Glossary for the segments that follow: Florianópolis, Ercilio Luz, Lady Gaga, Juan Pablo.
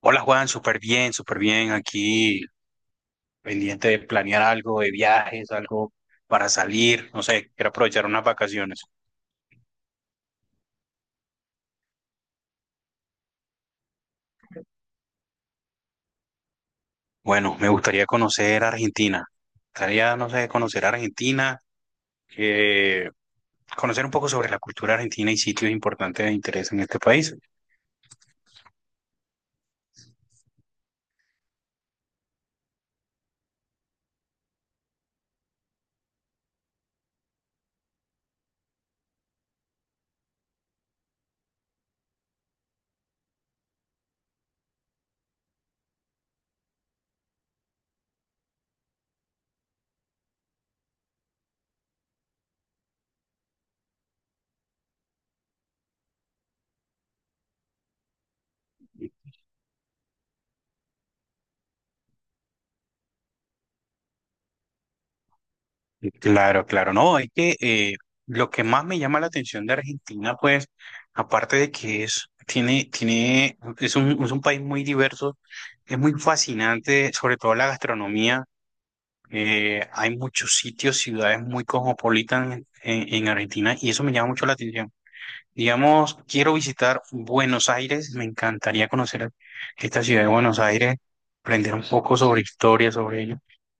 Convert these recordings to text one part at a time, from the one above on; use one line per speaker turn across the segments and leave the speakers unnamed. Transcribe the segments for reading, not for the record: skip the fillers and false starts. Hola Juan, súper bien, súper bien. Aquí pendiente de planear algo de viajes, algo para salir, no sé, quiero aprovechar unas vacaciones. Bueno, me gustaría conocer Argentina. Me gustaría, no sé, conocer Argentina, eh, conocer un poco sobre la cultura argentina y sitios importantes de interés en este país. Claro, claro, no, es que lo que más me llama la atención de Argentina, pues, aparte de que es, tiene, es un país muy diverso, es muy fascinante, sobre todo la gastronomía, hay muchos sitios, ciudades muy cosmopolitas en, en Argentina y eso me llama mucho la atención. Digamos, quiero visitar Buenos Aires, me encantaría conocer esta ciudad de Buenos Aires, aprender un poco sobre historia, sobre ello.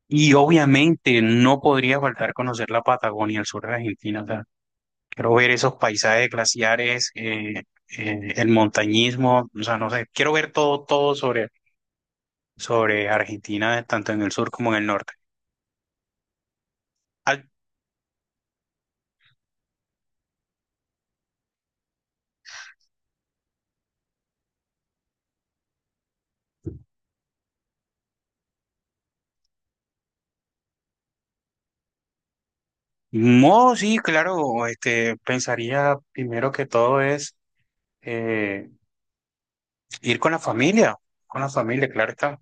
Y obviamente no podría faltar conocer la Patagonia, el sur de Argentina. O sea, quiero ver esos paisajes glaciares, el montañismo, o sea, no sé, quiero ver todo, todo sobre, sobre Argentina, tanto en el sur como en el norte. Al, no, sí, claro, este, pensaría primero que todo es eh, ir con la familia, claro está.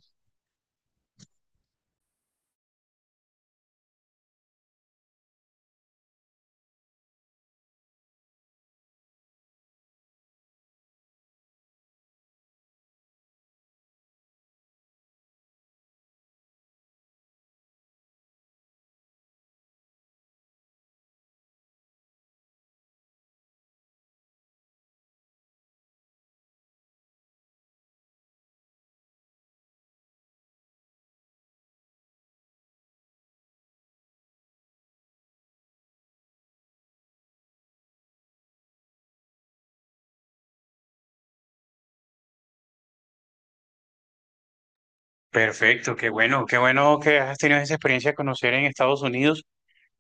Perfecto, qué bueno que has tenido esa experiencia de conocer en Estados Unidos.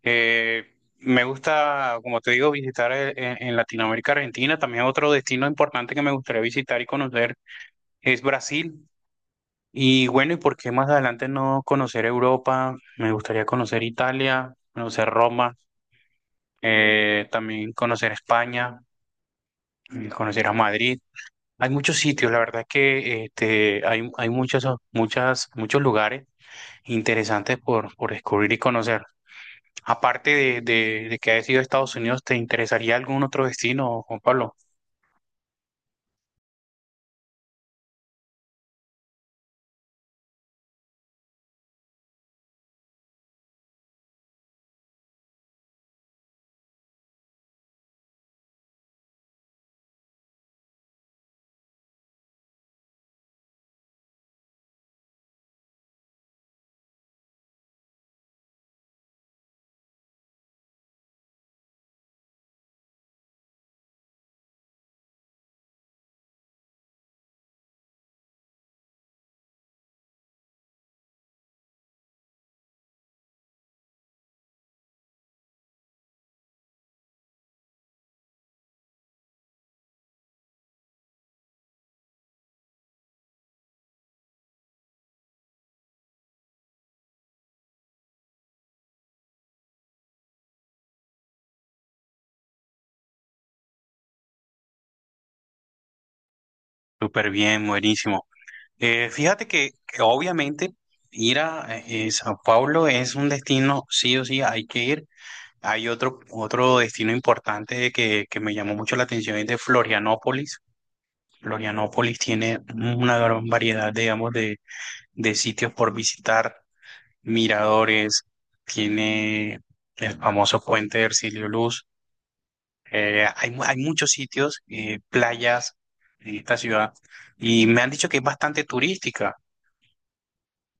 Eh, me gusta, como te digo, visitar en Latinoamérica, Argentina. También otro destino importante que me gustaría visitar y conocer es Brasil. Y bueno, ¿y por qué más adelante no conocer Europa? Me gustaría conocer Italia, conocer Roma, también conocer España, conocer a Madrid. Hay muchos sitios, la verdad que este, hay muchos, muchas, muchos lugares interesantes por descubrir y conocer. Aparte de, de que hayas ido a Estados Unidos, ¿te interesaría algún otro destino, Juan Pablo? Súper bien, buenísimo. Fíjate que obviamente ir a Sao Paulo es un destino, sí o sí, hay que ir. Hay otro, otro destino importante que me llamó mucho la atención, es de Florianópolis. Florianópolis tiene una gran variedad, digamos, de sitios por visitar, miradores, tiene el famoso puente de Ercilio Luz. Hay muchos sitios, playas en esta ciudad y me han dicho que es bastante turística.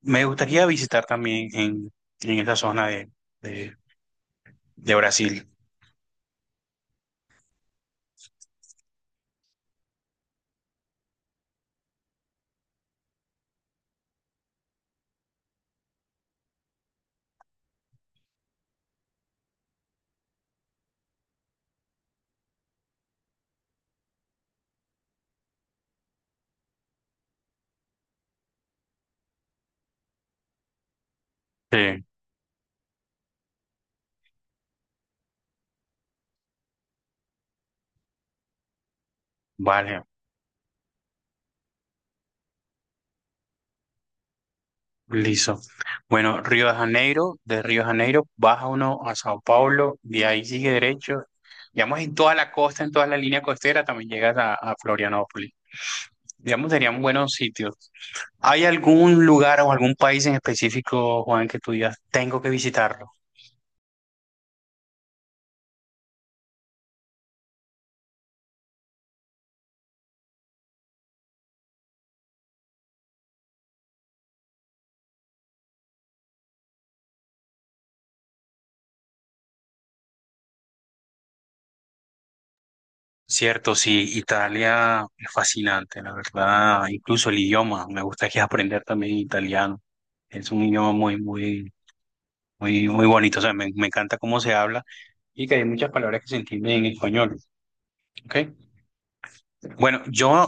Me gustaría visitar también en esa zona de, de, de Brasil. Sí, vale. Listo. Bueno, Río de Janeiro, de Río de Janeiro baja uno a Sao Paulo, de ahí sigue derecho. Digamos, en toda la costa, en toda la línea costera, también llegas a Florianópolis. Digamos, serían buenos sitios. ¿Hay algún lugar o algún país en específico, Juan, que tú digas, tengo que visitarlo? Cierto, sí, Italia es fascinante, la verdad. Incluso el idioma, me gustaría aprender también italiano. Es un idioma muy, muy bonito, o sea, me encanta cómo se habla y que hay muchas palabras que se entienden en español, ¿ok? Bueno, yo,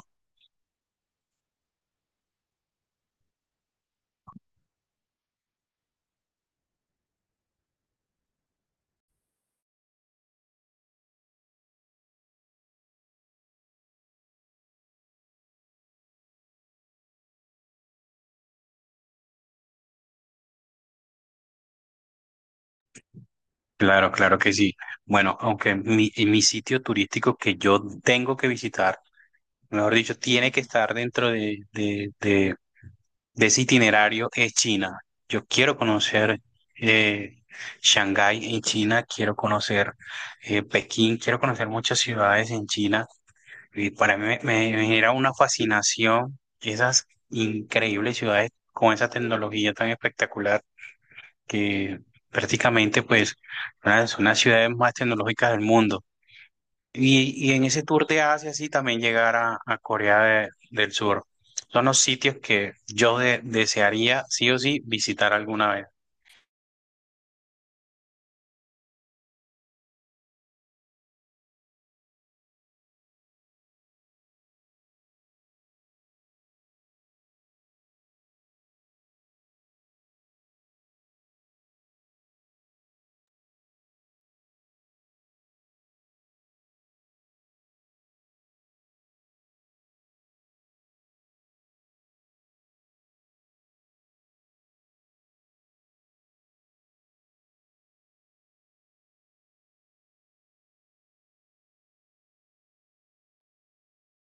claro, claro que sí. Bueno, aunque mi sitio turístico que yo tengo que visitar, mejor dicho, tiene que estar dentro de, de ese itinerario es China. Yo quiero conocer eh, Shanghái en China, quiero conocer Pekín, quiero conocer muchas ciudades en China. Y para mí me genera una fascinación esas increíbles ciudades con esa tecnología tan espectacular que prácticamente pues son las ciudades más tecnológicas del mundo. Y en ese tour de Asia sí también llegar a Corea del Sur. Son los sitios que yo desearía sí o sí visitar alguna vez.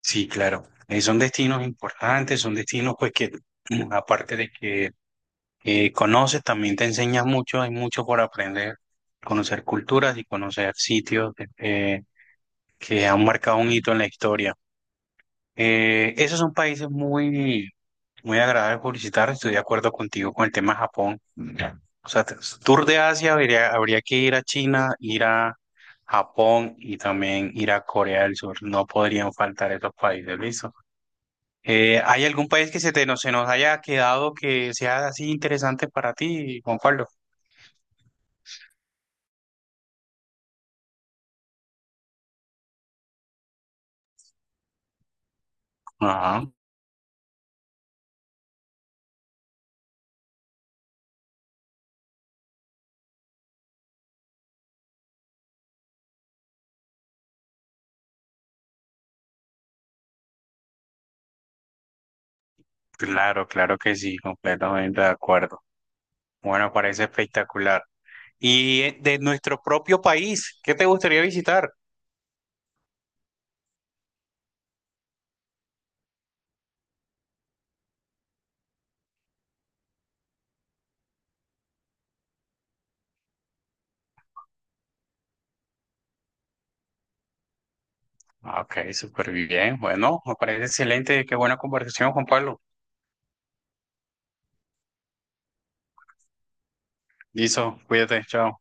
Sí, claro. Son destinos importantes, son destinos pues que aparte de que conoces, también te enseña mucho, hay mucho por aprender, conocer culturas y conocer sitios que han marcado un hito en la historia. Esos son países muy, muy agradables por visitar, estoy de acuerdo contigo con el tema de Japón. O sea, tour de Asia habría, habría que ir a China, ir a Japón y también ir a Corea del Sur. No podrían faltar esos países, ¿listo? ¿Hay algún país que se te, no, se nos haya quedado que sea así interesante para ti, Juan Pablo? Ajá. Claro, claro que sí, completamente de acuerdo. Bueno, parece espectacular. Y de nuestro propio país, ¿qué te gustaría visitar? Ah, ok, súper bien. Bueno, me parece excelente. Qué buena conversación, Juan Pablo. Listo, cuídate, chao.